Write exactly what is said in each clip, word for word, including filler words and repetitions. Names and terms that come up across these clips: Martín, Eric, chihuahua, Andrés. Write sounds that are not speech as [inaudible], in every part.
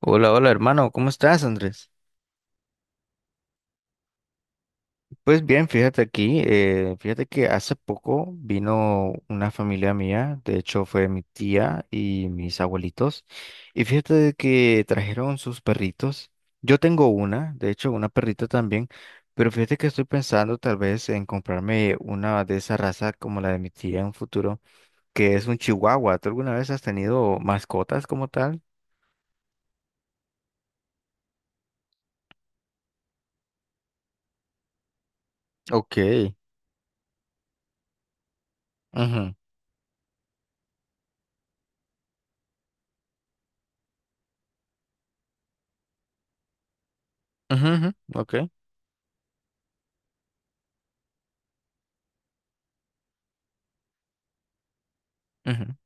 Hola, hola hermano, ¿cómo estás, Andrés? Pues bien, fíjate aquí, eh, fíjate que hace poco vino una familia mía, de hecho fue mi tía y mis abuelitos, y fíjate de que trajeron sus perritos. Yo tengo una, de hecho una perrita también, pero fíjate que estoy pensando tal vez en comprarme una de esa raza como la de mi tía en un futuro, que es un chihuahua. ¿Tú alguna vez has tenido mascotas como tal? Ok. Ujú, ujú, ujú. Ok. Ujú.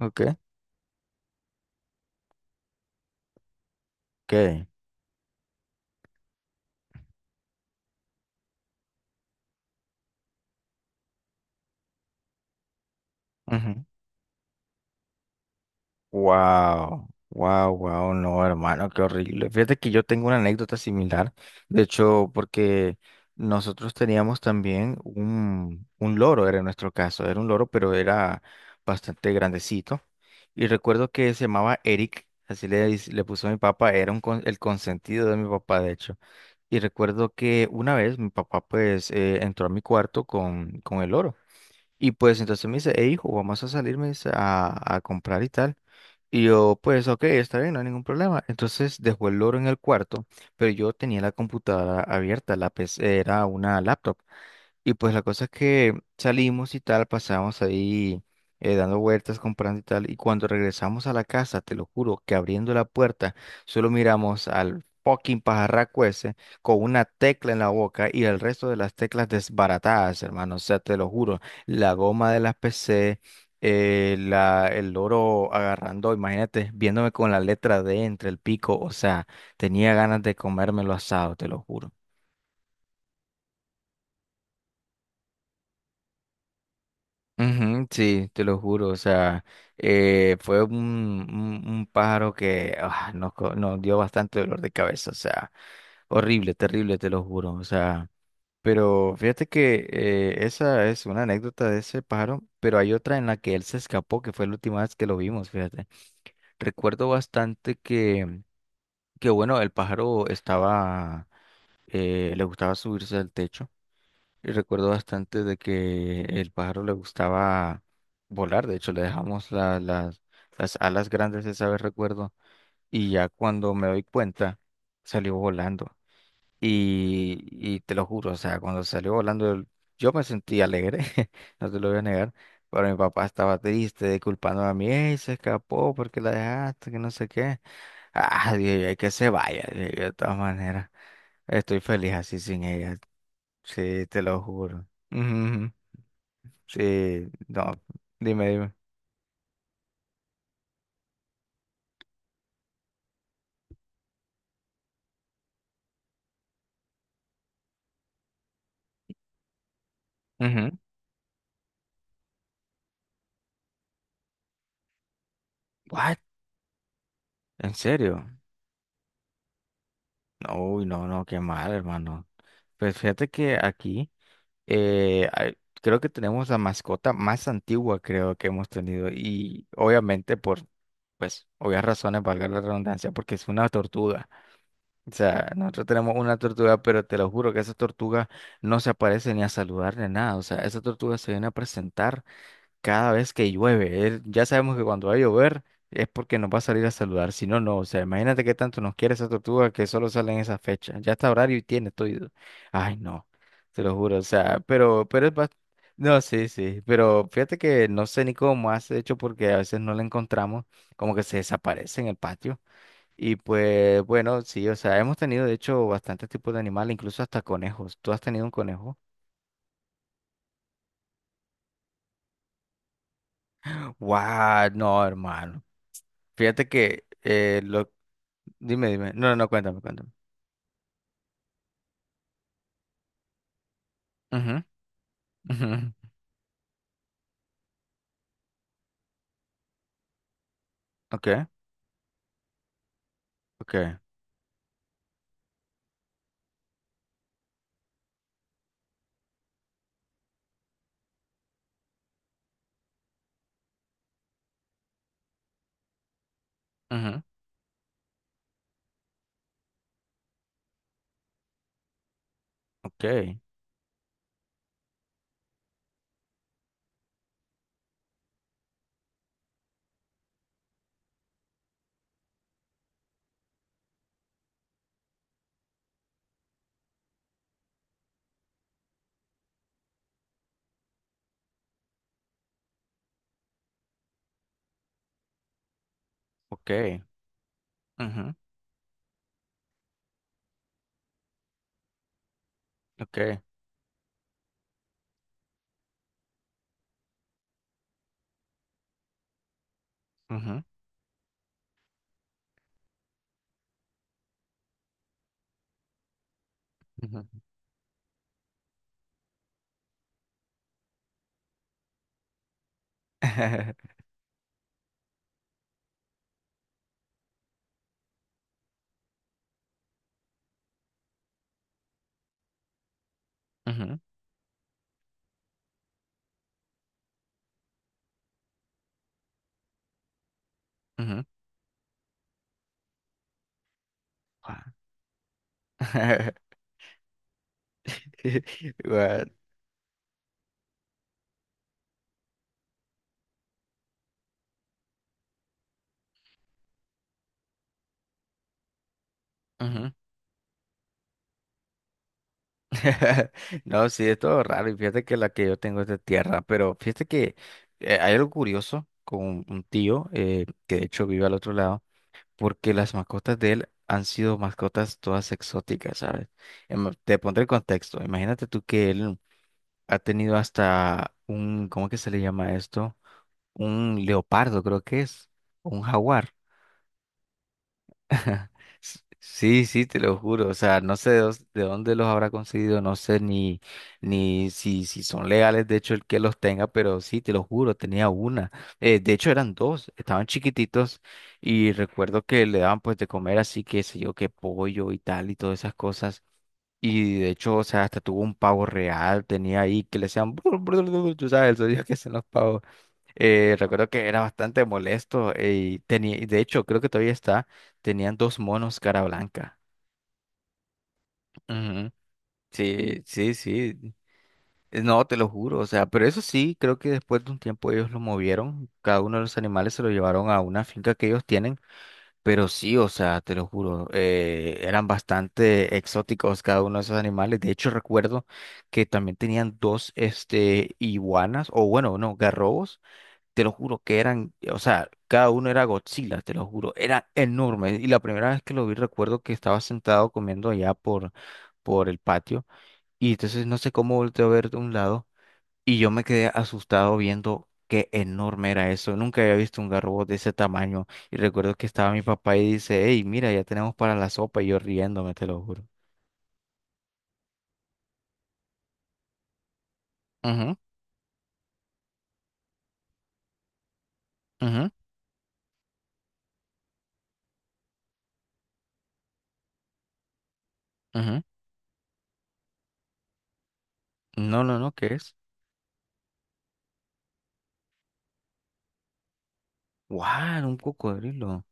Ok. Ok. Wow, wow, wow, no, hermano, qué horrible. Fíjate que yo tengo una anécdota similar, de hecho, porque nosotros teníamos también un, un loro, era en nuestro caso, era un loro, pero era bastante grandecito. Y recuerdo que se llamaba Eric, así le, dice- le puso a mi papá, era un con- el consentido de mi papá, de hecho. Y recuerdo que una vez mi papá pues eh, entró a mi cuarto con, con el loro. Y pues entonces me dice, hey hijo, vamos a salir, me dice, a, a comprar y tal. Y yo, pues, ok, está bien, no hay ningún problema. Entonces dejó el loro en el cuarto, pero yo tenía la computadora abierta, la P C, era una laptop. Y pues la cosa es que salimos y tal, pasamos ahí eh, dando vueltas, comprando y tal. Y cuando regresamos a la casa, te lo juro, que abriendo la puerta, solo miramos al fucking pajarraco ese con una tecla en la boca y el resto de las teclas desbaratadas, hermano. O sea, te lo juro, la goma de las P C, eh, la, el loro agarrando, imagínate, viéndome con la letra D entre el pico. O sea, tenía ganas de comérmelo asado, te lo juro. Ujú, sí, te lo juro, o sea, eh, fue un, un- un pájaro que ah, nos, co- nos dio bastante dolor de cabeza, o sea, horrible, terrible, te lo juro, o sea, pero fíjate que eh, esa es una anécdota de ese pájaro, pero hay otra en la que él se escapó, que fue la última vez que lo vimos, fíjate. Recuerdo bastante que, que bueno, el pájaro estaba, eh, le gustaba subirse al techo. Y recuerdo bastante de que el pájaro le gustaba volar, de hecho le dejamos la- las, las alas grandes esa vez, recuerdo, y ya cuando me doy cuenta, salió volando. Y, y te lo juro, o sea, cuando salió volando, el- yo me sentí alegre, [laughs] no te lo voy a negar, pero mi papá estaba triste, culpando a mí, "Ey, se escapó porque la dejaste, que no sé qué. Ah, dije, yo, "Ay, que se vaya, dije yo, de todas maneras, estoy feliz así sin ella, sí, te lo juro. Ujú. Sí, no, dime, dime. Ujú. ¿What? ¿En serio? No, uy, no, no, qué mal, hermano. Pues fíjate que aquí eh, hay- creo que tenemos la mascota más antigua, creo que hemos tenido. Y obviamente por, pues, obvias razones, valga la redundancia, porque es una tortuga. O sea, nosotros tenemos una tortuga, pero te lo juro que esa tortuga no se aparece ni a saludar ni nada. O sea, esa tortuga se viene a presentar cada vez que llueve. Él- ya sabemos que cuando va a llover es porque nos va a salir a saludar. Si no, no. O sea, imagínate qué tanto nos quiere esa tortuga que solo sale en esa fecha. Ya está horario y tiene todo. y- Ay, no. Te lo juro. O sea, pero, pero es bas- no, sí, sí. Pero fíjate que no sé ni cómo hace, de hecho porque a veces no la encontramos. Como que se desaparece en el patio. Y pues, bueno, sí, o sea, hemos tenido de hecho bastantes tipos de animales, incluso hasta conejos. ¿Tú has tenido un conejo? Guau. No, hermano. Fíjate que eh, lo Dime, dime. No, no, no, cuéntame, cuéntame. Ujú, ujú. Ok, ok, ujú, ok, ok, ujú, ok, ujú, ujú, [laughs] ujú, ujú. Guau. [laughs] Guau. Ujú. [laughs] No, sí, es todo raro. Y fíjate que la que yo tengo es de tierra, pero fíjate que eh, hay algo curioso con un, un tío eh, que de hecho vive al otro lado, porque las mascotas de él han sido mascotas todas exóticas, ¿sabes? Em, Te pondré el contexto. Imagínate tú que él ha tenido hasta un, ¿cómo que se le llama esto? Un leopardo, creo que es, o un jaguar. [laughs] S- Sí, sí, te lo juro. O sea, no sé de, dós- de dónde los habrá conseguido, no sé ni, ni si, si son legales, de hecho, el que los tenga, pero sí, te lo juro, tenía una. Eh, de hecho, eran dos, estaban chiquititos y recuerdo que le daban pues de comer así, qué sé yo, que pollo y tal y todas esas cosas. Y de hecho, o sea, hasta tuvo un pavo real, tenía ahí que le hacían, brr, brr, brr, tú sabes, el sonido que hacen los pavos. Eh, recuerdo que era bastante molesto eh, y tenía, y de hecho, creo que todavía está, tenían dos monos cara blanca. Ujú. Sí, sí, sí. Eh, No, te lo juro, o sea, pero eso sí, creo que después de un tiempo ellos lo movieron, cada uno de los animales se lo llevaron a una finca que ellos tienen. Pero sí, o sea, te lo juro, eh, eran bastante exóticos cada uno de esos animales. De hecho, recuerdo que también tenían dos, este, iguanas, o bueno, no, garrobos. Te lo juro que eran, o sea, cada uno era Godzilla, te lo juro, era enorme. Y la primera vez que lo vi, recuerdo que estaba sentado comiendo allá por, por el patio. Y entonces no sé cómo volteé a ver de un lado. Y yo me quedé asustado viendo qué enorme era eso. Nunca había visto un garrobo de ese tamaño. Y recuerdo que estaba mi papá y dice, hey, mira, ya tenemos para la sopa. Y yo riéndome, te lo juro. Ujú, ujú, ujú. No, no, no, ¿qué es? ¡Wow! Un cocodrilo.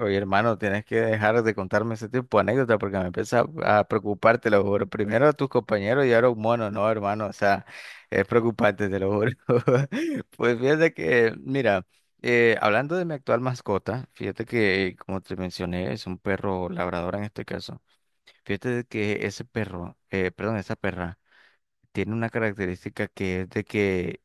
Oye, hermano, tienes que dejar de contarme ese tipo de anécdota porque me empieza a a preocupar, te lo juro. Primero a tus compañeros y ahora a un mono, no, hermano, o sea, es preocupante, te lo juro. [laughs] Pues fíjate que, mira, eh, hablando de mi actual mascota, fíjate que, como te mencioné, es un perro labrador en este caso. Fíjate de que ese perro, eh, perdón, esa perra, tiene una característica que es de que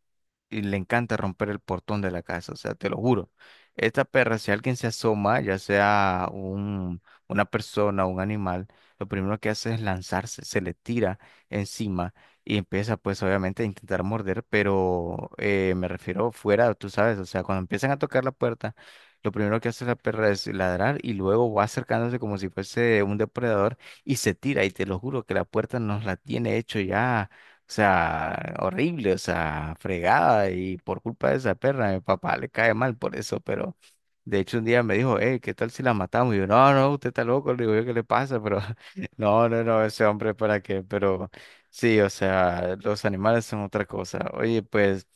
y le encanta romper el portón de la casa, o sea, te lo juro. Esta perra, si alguien se asoma, ya sea un, una persona o un animal, lo primero que hace es lanzarse, se le tira encima y empieza pues obviamente a intentar morder, pero eh, me refiero fuera, tú sabes, o sea, cuando empiezan a tocar la puerta, lo primero que hace la perra es ladrar y luego va acercándose como si fuese un depredador y se tira y te lo juro que la puerta nos la tiene hecho ya o sea, horrible, o sea, fregada y por culpa de esa perra, mi papá le cae mal por eso, pero de hecho un día me dijo, hey, ¿qué tal si la matamos? Y yo, no, no, usted está loco, le digo yo, ¿qué le pasa? Pero [laughs] no, no, no, ese hombre, ¿para qué? Pero sí, o sea, los animales son otra cosa. Oye, pues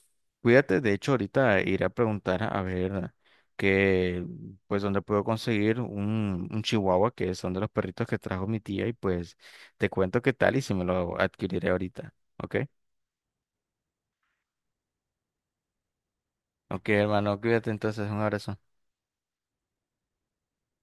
cuídate, de hecho ahorita iré a preguntar a ver que, pues, dónde puedo conseguir un, un chihuahua, que son de los perritos que trajo mi tía, y pues te cuento qué tal y si me lo adquiriré ahorita. Ok, ok, hermano, cuídate entonces, un abrazo.